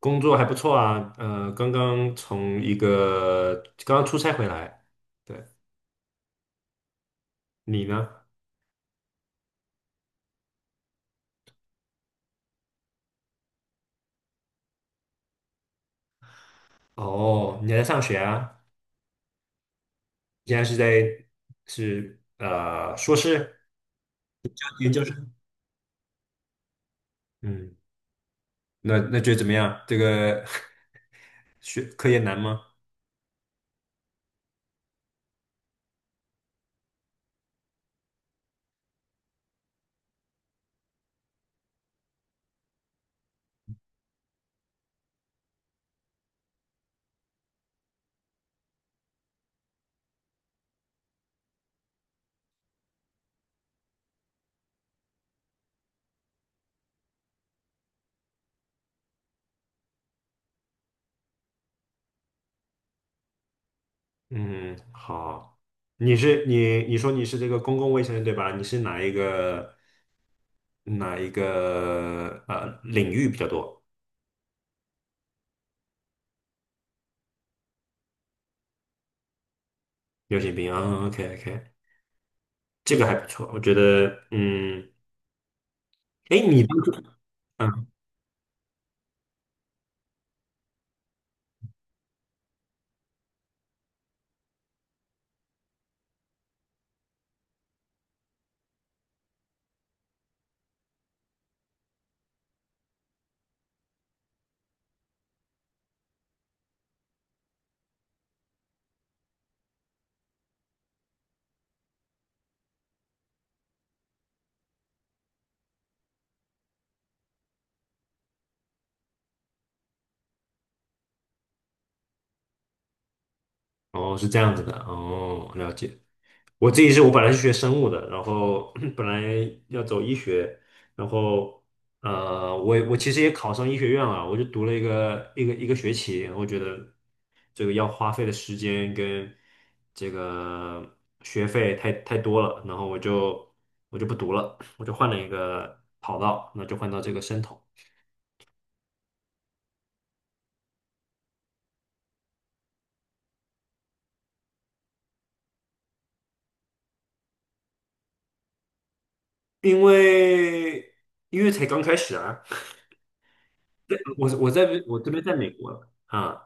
工作还不错啊，刚刚从一个刚刚出差回来，对。你呢？哦，你还在上学啊？现在是在是硕士、研究生？嗯，那觉得怎么样？这个 学科研难吗？嗯，好。你说你是这个公共卫生对吧？你是哪一个领域比较多？流行病啊，OK， OK，这个还不错，我觉得。嗯，哎，你当初。嗯。哦，是这样子的，哦，了解。我自己是我本来是学生物的，然后 本来要走医学，然后我其实也考上医学院了，我就读了一个学期，我觉得这个要花费的时间跟这个学费太多了，然后我就不读了，我就换了一个跑道，那就换到这个生统。因为因为才刚开始啊。我这边在美国了啊。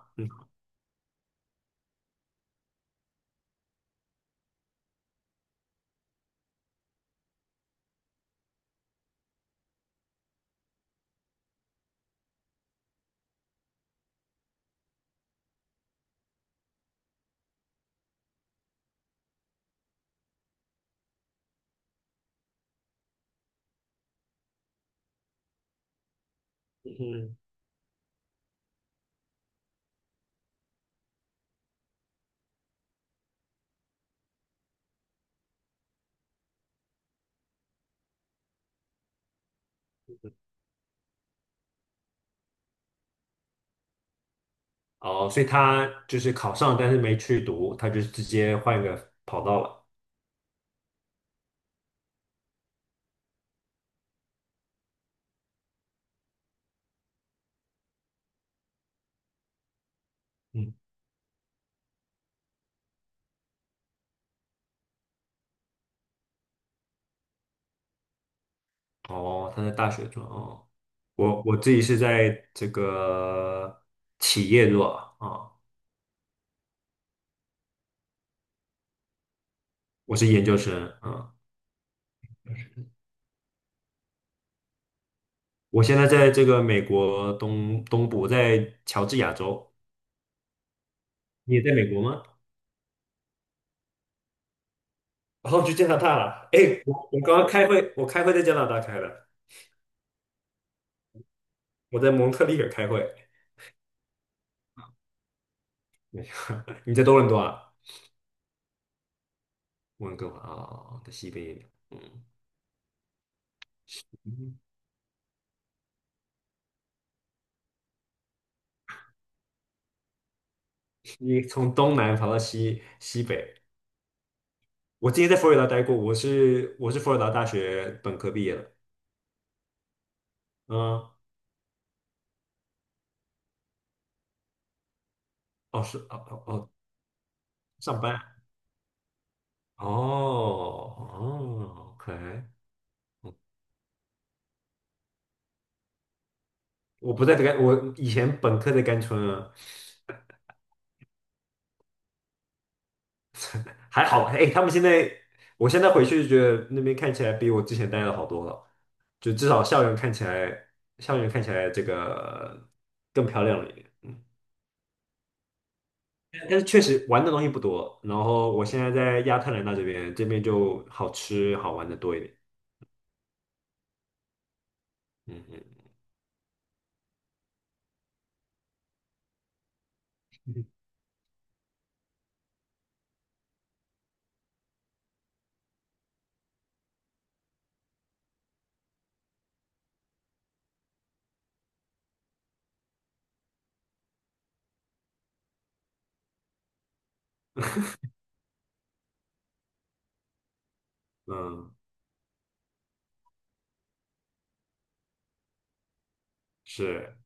嗯。哦，所以他就是考上，但是没去读，他就直接换一个跑道了。嗯。哦，他在大学做哦。我自己是在这个企业做啊。我是研究生啊。我现在在这个美国东部，在乔治亚州。你也在美国吗？然后去加拿大了。哎，我刚刚开会，我开会在加拿大开的。我在蒙特利尔开会。你在多伦多啊？温哥华啊，哦在西边一点。嗯，你从东南跑到西北。我之前在佛罗里达待过，我是佛罗里达大学本科毕业的。嗯。哦是哦，上班啊。哦哦，OK。我不在甘，我以前本科在甘春啊。还好。哎，他们现在，我现在回去觉得那边看起来比我之前待的好多了，就至少校园看起来，校园看起来这个更漂亮了一点。嗯，但但是确实玩的东西不多。然后我现在在亚特兰大这边，这边就好吃好玩的多一点。嗯，嗯，嗯，嗯是。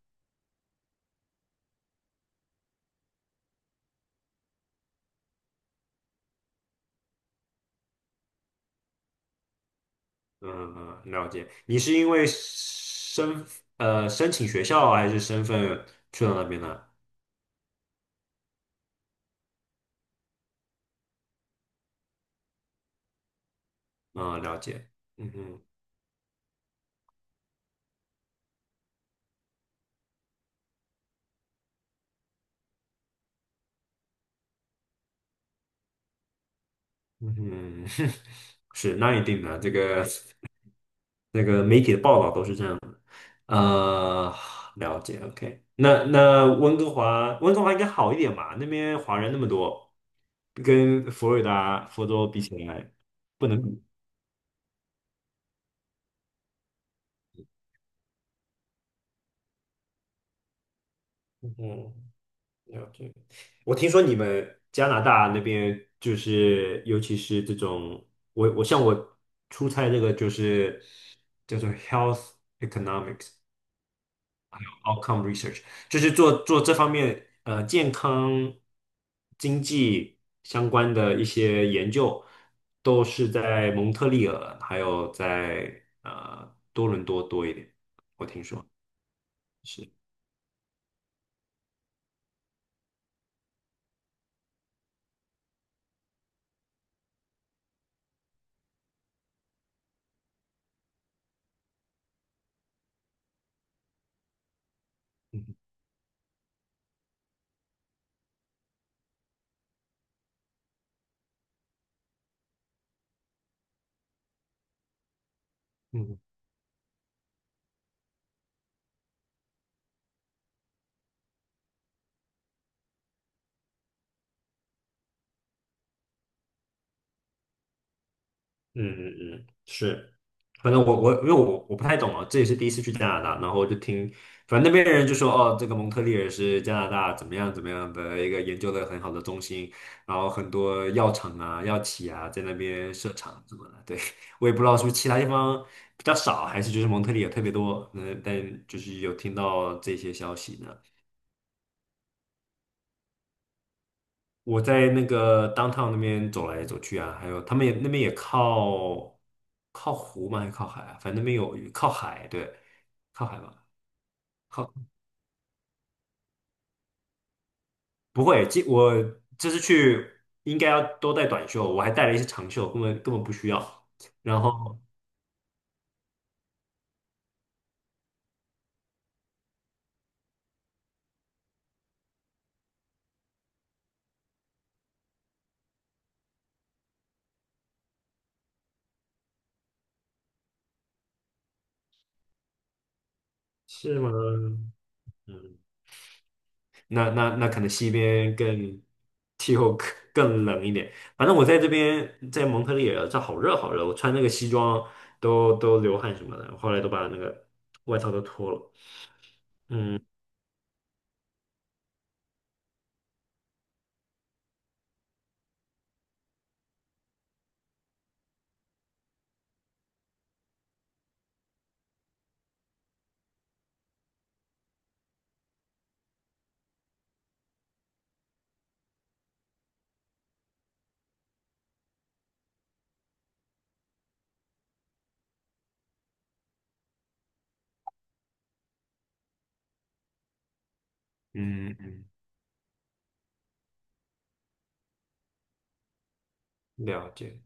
嗯，嗯，了解。你是因为申申请学校还是身份去到那边的？嗯，了解。嗯嗯。嗯，是，那一定的，这个那个媒体的报道都是这样。呃，了解，OK。那那温哥华，温哥华应该好一点吧？那边华人那么多，跟佛罗里达、佛州比起来，不能比。嗯，了解。我听说你们加拿大那边就是，尤其是这种，像我出差这个就是叫做 health economics，outcome research，就是做这方面健康经济相关的一些研究，都是在蒙特利尔还有在多伦多多一点。是。嗯嗯。嗯，嗯，嗯，是，反正我因为我不太懂啊，这也是第一次去加拿大，然后就听，反正那边人就说哦，这个蒙特利尔是加拿大怎么样怎么样的一个研究的很好的中心，然后很多药厂啊、药企啊在那边设厂什么的，对。我也不知道是不是其他地方比较少，还是就是蒙特利尔特别多，嗯，但就是有听到这些消息呢。我在那个 downtown 那边走来走去啊，还有他们也那边也靠湖嘛，还是靠海啊？反正那边有靠海，对，靠海吧。靠不会，我这次去应该要都带短袖，我还带了一些长袖，根本不需要。然后是吗？嗯，那可能西边更气候更更冷一点。反正我在这边在蒙特利尔，这好热好热，我穿那个西装都流汗什么的，后来都把那个外套都脱了。嗯，嗯，嗯，了解。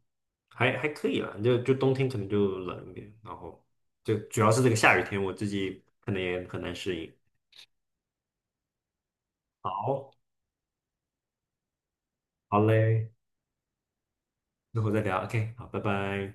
还可以啦，就冬天可能就冷一点，然后就主要是这个下雨天，我自己可能也很难适应。好，好嘞，之后再聊，OK，好，拜拜。